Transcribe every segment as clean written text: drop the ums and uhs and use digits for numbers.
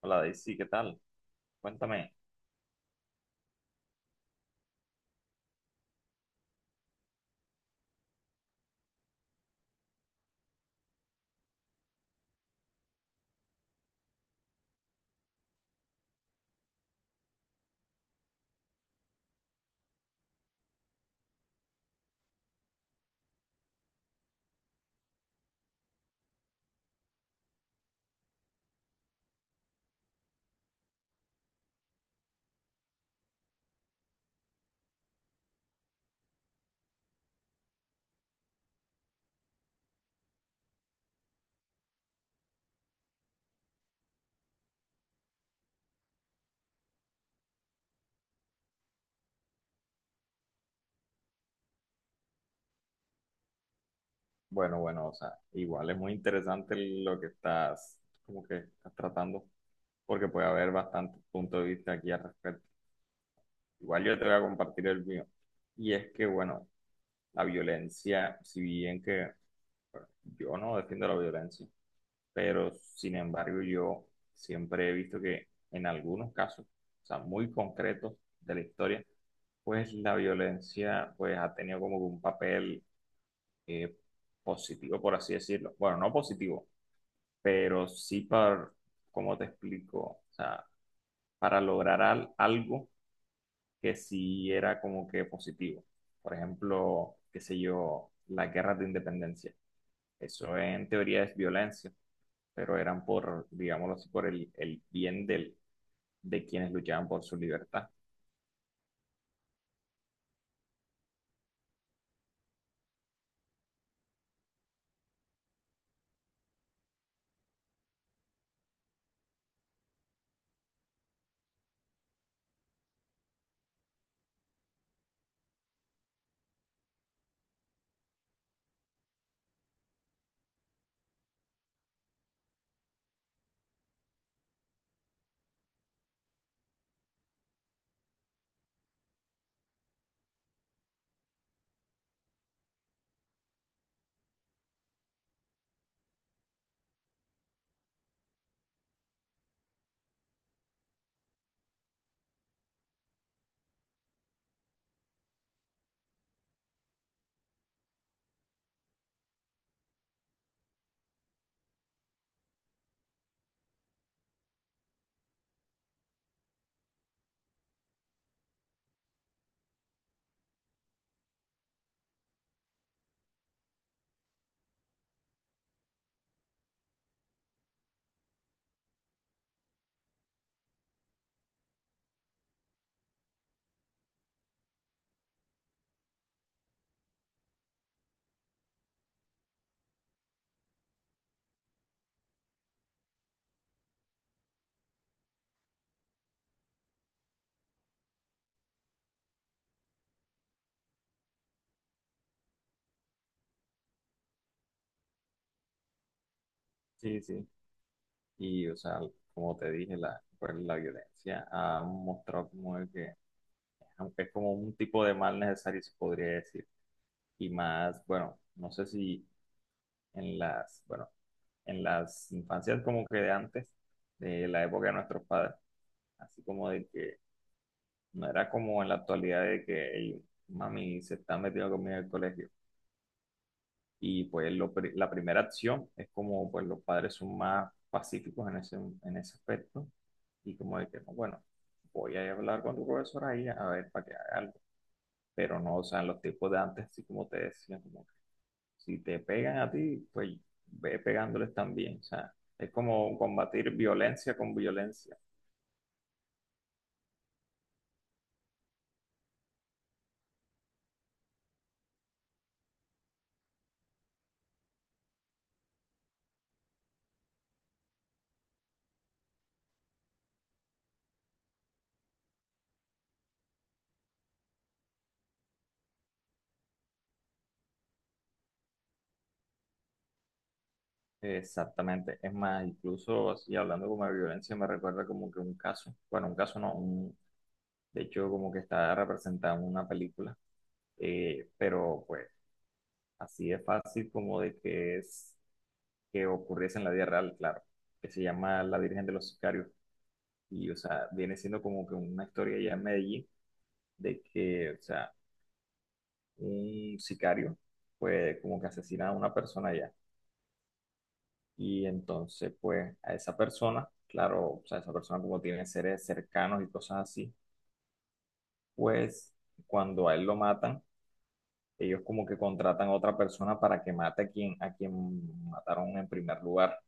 Hola Daisy, ¿qué tal? Cuéntame. Bueno, o sea, igual es muy interesante lo que estás, como que estás tratando, porque puede haber bastantes puntos de vista aquí al respecto. Igual yo te voy a compartir el mío. Y es que, bueno, la violencia, si bien que bueno, yo no defiendo la violencia, pero sin embargo yo siempre he visto que en algunos casos, o sea, muy concretos de la historia, pues la violencia pues ha tenido como que un papel eh, positivo, por así decirlo. Bueno, no positivo, pero sí para, como te explico, o sea, para lograr algo que sí era como que positivo. Por ejemplo, qué sé yo, la guerra de independencia. Eso en teoría es violencia, pero eran por, digámoslo así, por el bien del, de quienes luchaban por su libertad. Sí, sí. Y, o sea, como te dije, la, pues, la violencia ha mostrado como de que aunque es como un tipo de mal necesario, se podría decir. Y más, bueno, no sé si en las, bueno, en las infancias como que de antes, de la época de nuestros padres, así como de que no era como en la actualidad de que "Ey, mami se está metiendo conmigo en el colegio. Y pues lo la primera acción es como pues los padres son más pacíficos en ese aspecto y como de que, "No, bueno, voy a ir a hablar con tu profesora ahí a ver para que haga algo". Pero no, o sea, en los tiempos de antes, así como te decía, como que si te pegan a ti, pues ve pegándoles también, o sea, es como combatir violencia con violencia. Exactamente, es más, incluso así hablando como de violencia, me recuerda como que un caso, bueno, un caso no, un, de hecho como que está representado en una película, pero pues así es fácil como de que es que ocurriese en la vida real, claro, que se llama La Virgen de los Sicarios, y o sea, viene siendo como que una historia ya en Medellín de que, o sea, un sicario, pues como que asesina a una persona ya. Y entonces, pues a esa persona, claro, o sea, esa persona como tiene seres cercanos y cosas así, pues cuando a él lo matan, ellos como que contratan a otra persona para que mate a quien mataron en primer lugar.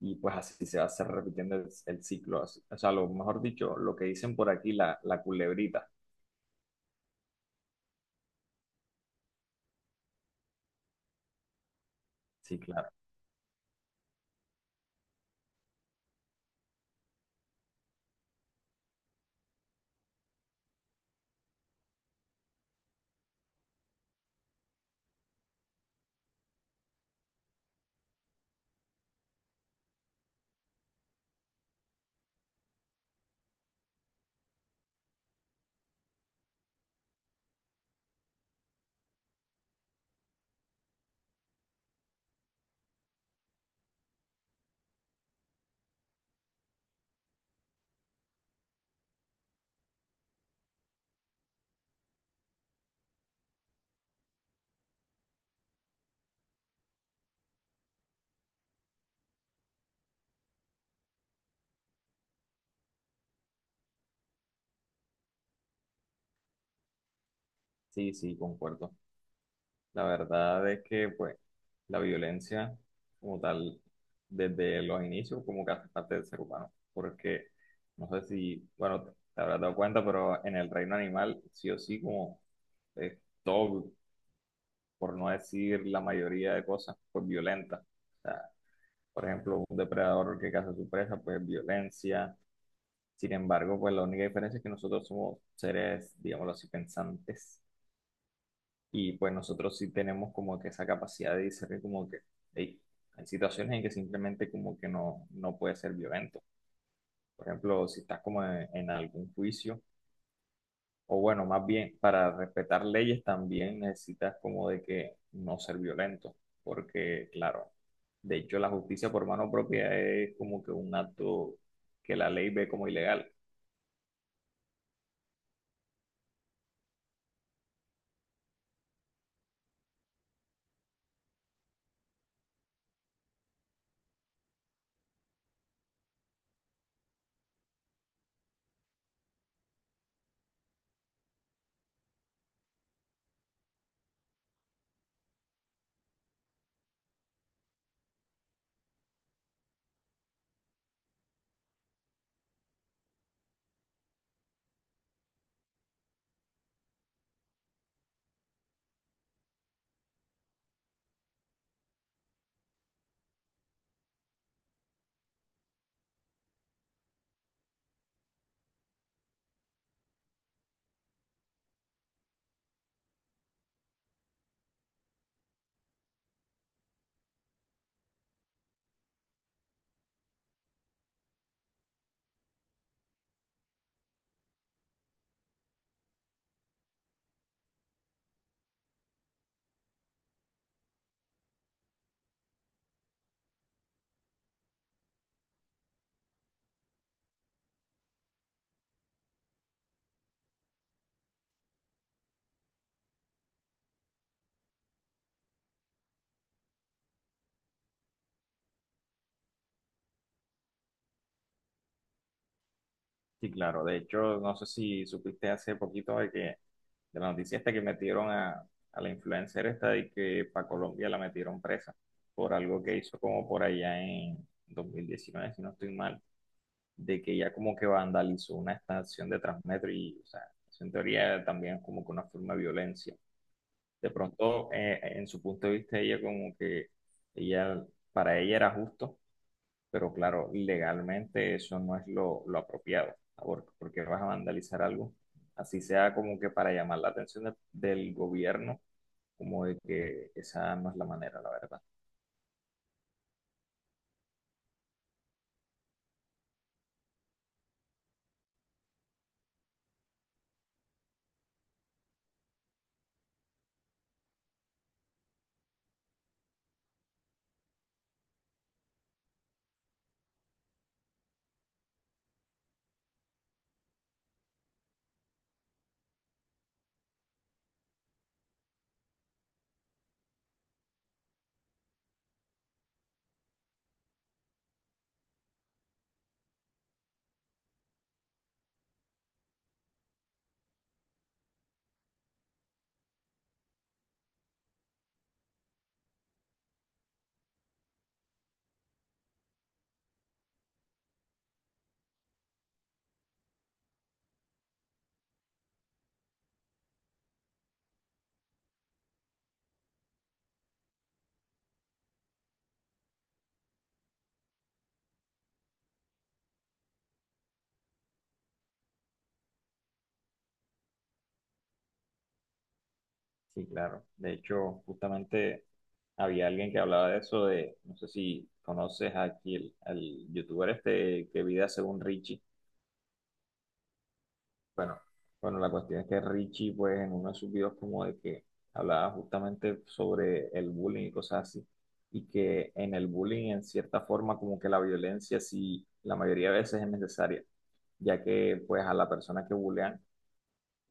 Y pues así se va a hacer repitiendo el ciclo. Así. O sea, lo mejor dicho, lo que dicen por aquí, la culebrita. Sí, claro. Sí, sí, concuerdo. La verdad es que, pues, la violencia como tal, desde los inicios, como que hace parte del ser humano, porque no sé si, bueno, te habrás dado cuenta, pero en el reino animal, sí o sí, como es todo, por no decir la mayoría de cosas, pues violenta. O sea, por ejemplo, un depredador que caza a su presa, pues violencia. Sin embargo, pues la única diferencia es que nosotros somos seres, digámoslo así, pensantes y pues nosotros sí tenemos como que esa capacidad de discernir como que "Ey, hay situaciones en que simplemente como que no, no puede ser violento. Por ejemplo, si estás como en algún juicio, o bueno, más bien para respetar leyes también necesitas como de que no ser violento, porque claro, de hecho la justicia por mano propia es como que un acto que la ley ve como ilegal. Sí, claro. De hecho, no sé si supiste hace poquito de que de la noticia esta que metieron a la influencer esta de que para Colombia la metieron presa por algo que hizo como por allá en 2019 si no estoy mal, de que ella como que vandalizó una estación de Transmetro y, o sea, eso en teoría también es como que una forma de violencia. De pronto, en su punto de vista, ella como que ella, para ella era justo pero claro, legalmente eso no es lo apropiado, ¿no? Porque vas a vandalizar algo, así sea como que para llamar la atención del gobierno, como de que esa no es la manera, la verdad. Sí, claro. De hecho, justamente había alguien que hablaba de eso, de, no sé si conoces aquí el, al youtuber este que vive según Richie. Bueno, bueno, la cuestión es que Richie, pues, en uno de sus videos como de que hablaba justamente sobre el bullying y cosas así, y que en el bullying, en cierta forma, como que la violencia sí, la mayoría de veces es necesaria, ya que, pues, a la persona que bullean,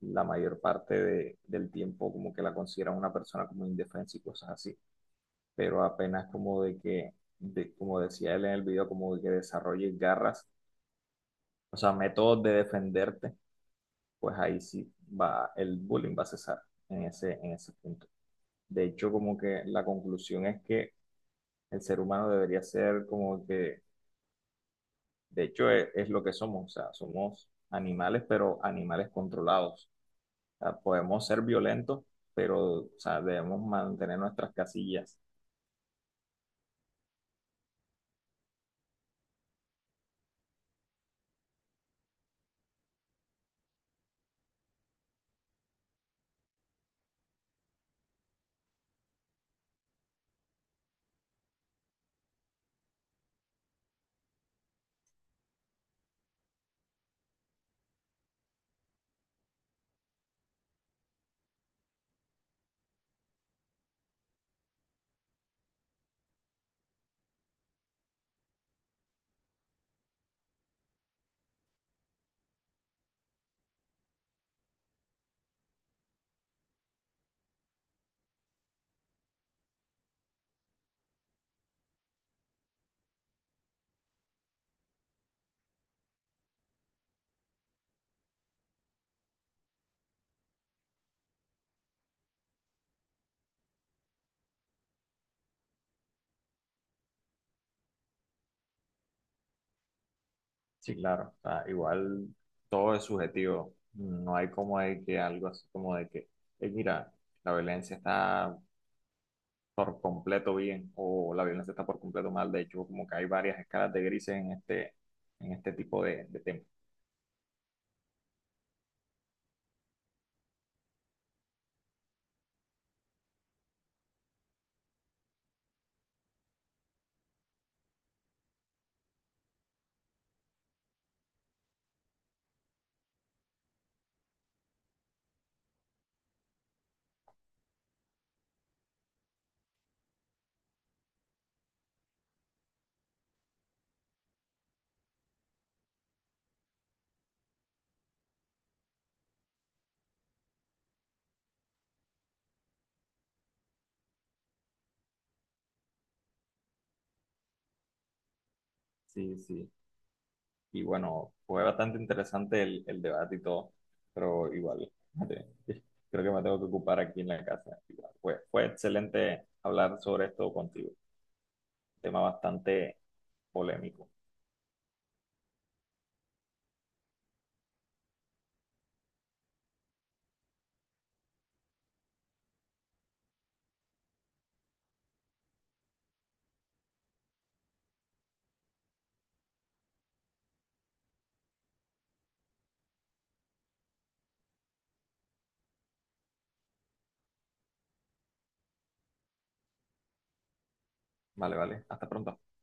la mayor parte del tiempo como que la consideran una persona como indefensa y cosas así, pero apenas como de que, como decía él en el video, como de que desarrolles garras, o sea, métodos de defenderte pues ahí sí va, el bullying va a cesar en ese punto. De hecho, como que la conclusión es que el ser humano debería ser como que, de hecho, es lo que somos, o sea, somos animales, pero animales controlados. O sea, podemos ser violentos, pero, o sea, debemos mantener nuestras casillas. Sí, claro, o sea, igual todo es subjetivo. No hay como de que algo así como de que, mira, la violencia está por completo bien o la violencia está por completo mal. De hecho, como que hay varias escalas de grises en este tipo de temas. Sí, sí. Y bueno, fue bastante interesante el debate y todo, pero igual, creo que me tengo que ocupar aquí en la casa. Igual, fue excelente hablar sobre esto contigo. Tema bastante polémico. Vale. Hasta pronto.